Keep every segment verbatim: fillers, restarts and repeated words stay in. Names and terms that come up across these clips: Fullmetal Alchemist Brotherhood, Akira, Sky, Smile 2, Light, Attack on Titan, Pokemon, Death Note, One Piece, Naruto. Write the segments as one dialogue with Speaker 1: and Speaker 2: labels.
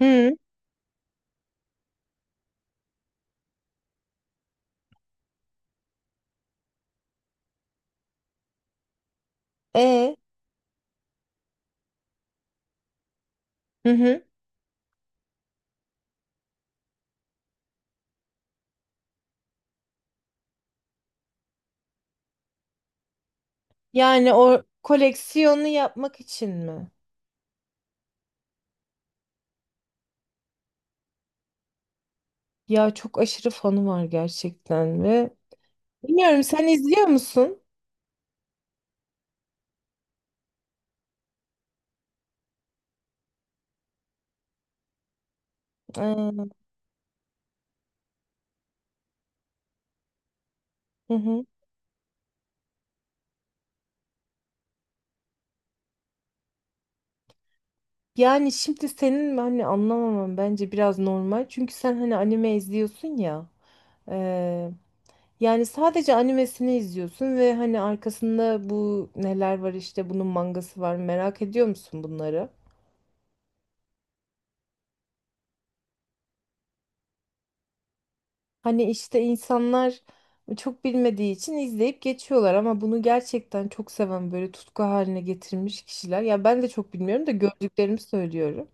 Speaker 1: Hı. E. Hı hı. Yani o koleksiyonu yapmak için mi? Ya çok aşırı fanı var gerçekten ve bilmiyorum, sen izliyor musun? Ee, hı hı. Yani şimdi senin hani anlamamam bence biraz normal. Çünkü sen hani anime izliyorsun ya. Ee, yani sadece animesini izliyorsun ve hani arkasında bu neler var, işte bunun mangası var, merak ediyor musun bunları? Hani işte insanlar çok bilmediği için izleyip geçiyorlar ama bunu gerçekten çok seven, böyle tutku haline getirmiş kişiler. Ya ben de çok bilmiyorum da gördüklerimi söylüyorum.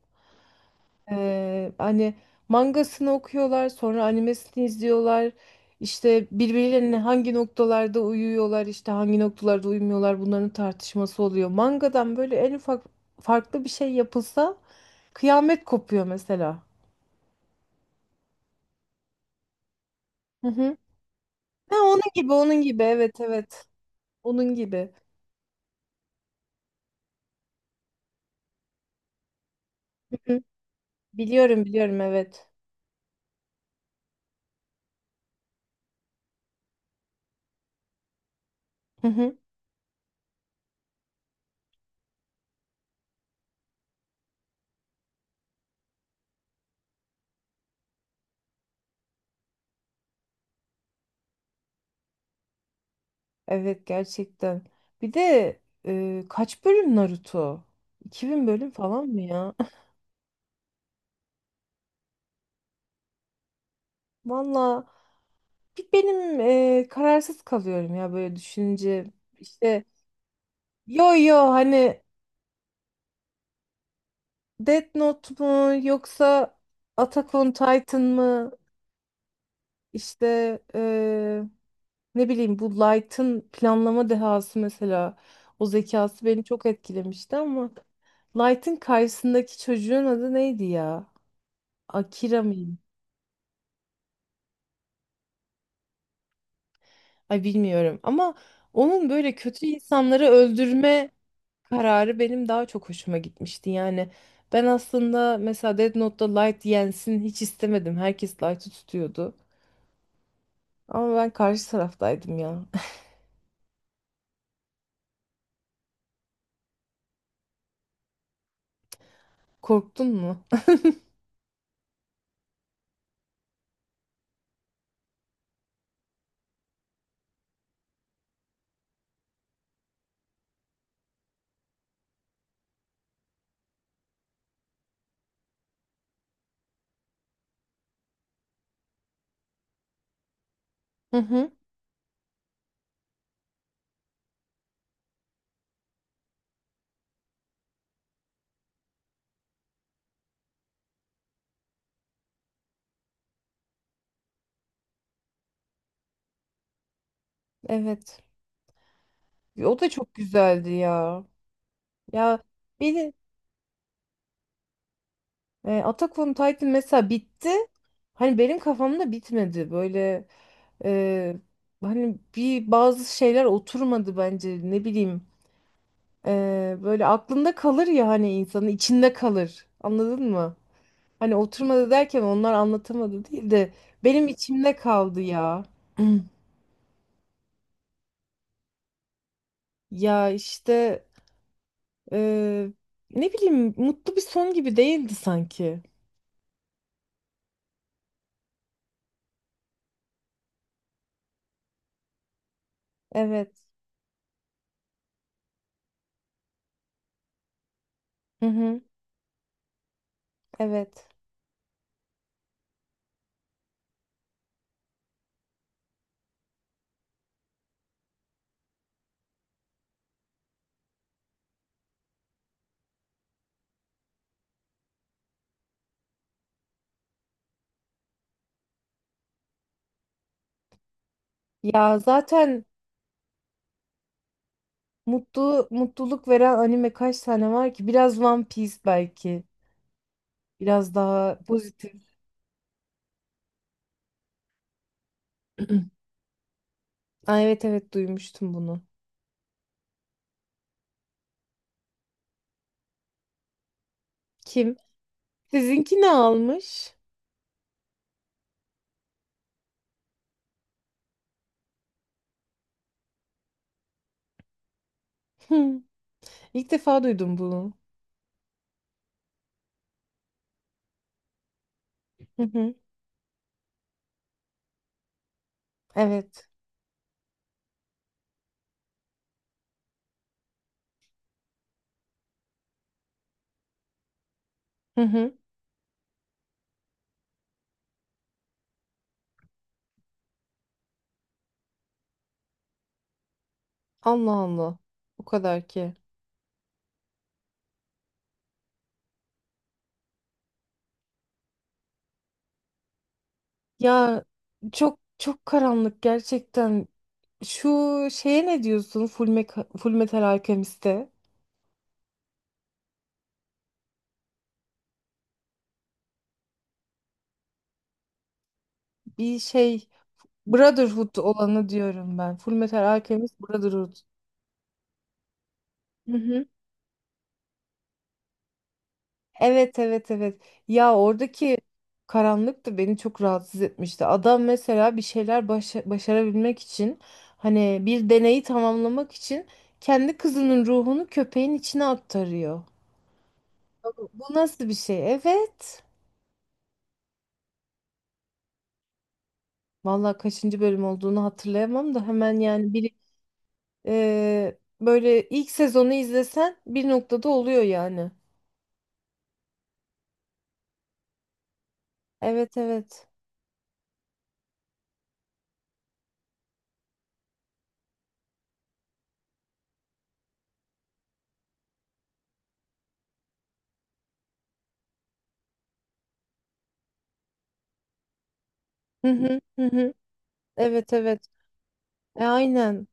Speaker 1: Ee, hani mangasını okuyorlar, sonra animesini izliyorlar. İşte birbirlerine hangi noktalarda uyuyorlar, işte hangi noktalarda uyumuyorlar, bunların tartışması oluyor. Mangadan böyle en ufak farklı bir şey yapılsa kıyamet kopuyor mesela. Hı hı. Ha, onun gibi, onun gibi, evet evet. Onun gibi. Hı. Biliyorum biliyorum, evet. Hı hı. Evet gerçekten. Bir de e, kaç bölüm Naruto? iki bin bölüm falan mı ya? Valla bir benim e, kararsız kalıyorum ya böyle düşününce. İşte yo yo, hani Death Note mu yoksa Attack on Titan mı? İşte eee, ne bileyim, bu Light'ın planlama dehası mesela, o zekası beni çok etkilemişti ama Light'ın karşısındaki çocuğun adı neydi ya? Akira mıydı? Ay bilmiyorum ama onun böyle kötü insanları öldürme kararı benim daha çok hoşuma gitmişti. Yani ben aslında mesela Death Note'da Light yensin hiç istemedim. Herkes Light'ı tutuyordu. Ama ben karşı taraftaydım ya. Korktun mu? Hı hı. Evet. O da çok güzeldi ya. Ya beni e, Attack on Titan mesela bitti. Hani benim kafamda bitmedi. Böyle e, hani bir, bazı şeyler oturmadı bence. Ne bileyim. E, böyle aklında kalır ya, hani insanın içinde kalır. Anladın mı? Hani oturmadı derken onlar anlatamadı değil de benim içimde kaldı ya. Ya işte e, ne bileyim, mutlu bir son gibi değildi sanki. Evet. Hı hı. Evet. Ya zaten mutlu, mutluluk veren anime kaç tane var ki? Biraz One Piece belki. Biraz daha pozitif. Aa, evet evet, duymuştum bunu. Kim? Sizinki ne almış? Hı, İlk defa duydum bunu. Hı hı. Evet. Hı hı. Allah Allah. O kadar ki. Ya çok çok karanlık gerçekten. Şu şeye ne diyorsun? Full, Mecha- Full Metal Alchemist'te bir şey, Brotherhood olanı diyorum ben. Fullmetal Alchemist Brotherhood. Hı hı. Evet evet evet. Ya oradaki karanlık da beni çok rahatsız etmişti. Adam mesela bir şeyler başa- başarabilmek için, hani bir deneyi tamamlamak için kendi kızının ruhunu köpeğin içine aktarıyor. Bu bu nasıl bir şey? Evet. Vallahi kaçıncı bölüm olduğunu hatırlayamam da hemen, yani bir e, böyle ilk sezonu izlesen bir noktada oluyor yani. Evet evet. Hı hı hı hı. Evet evet. E, aynen.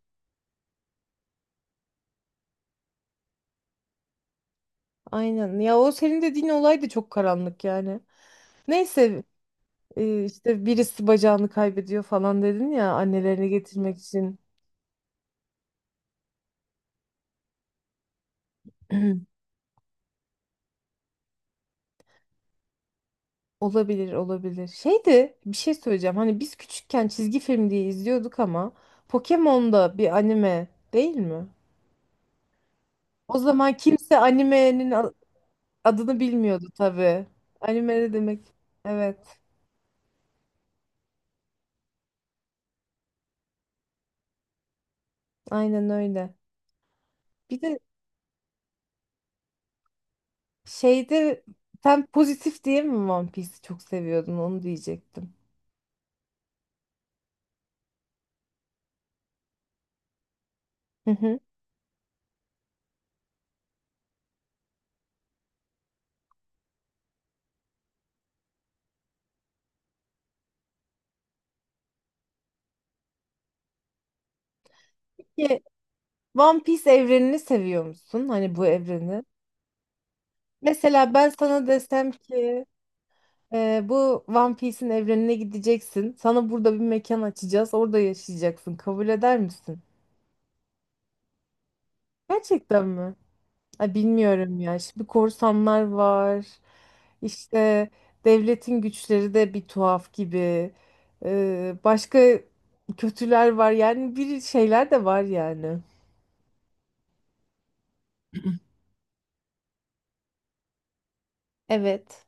Speaker 1: Aynen. Ya o senin dediğin olay da çok karanlık yani. Neyse e, işte birisi bacağını kaybediyor falan dedin ya, annelerini getirmek için. Olabilir olabilir. Şeydi, bir şey söyleyeceğim. Hani biz küçükken çizgi film diye izliyorduk ama Pokemon da bir anime değil mi? O zaman kimse animenin a- adını bilmiyordu tabii. Anime ne demek? Evet. Aynen öyle. Bir de şeyde sen pozitif diye mi One Piece'i çok seviyordun onu diyecektim. Hı hı. Ki One Piece evrenini seviyor musun? Hani bu evreni. Mesela ben sana desem ki e, bu One Piece'in evrenine gideceksin. Sana burada bir mekan açacağız. Orada yaşayacaksın. Kabul eder misin? Gerçekten mi? Ay bilmiyorum ya. Şimdi korsanlar var. İşte devletin güçleri de bir tuhaf gibi. Ee, başka kötüler var. Yani bir şeyler de var yani. Evet.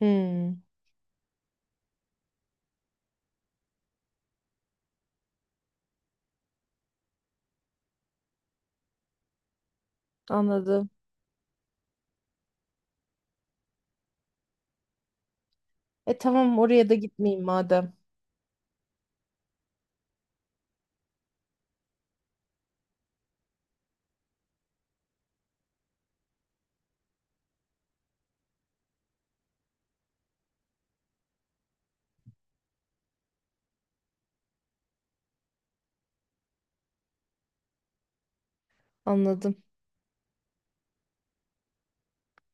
Speaker 1: Hmm, anladım. E tamam, oraya da gitmeyeyim madem. Anladım.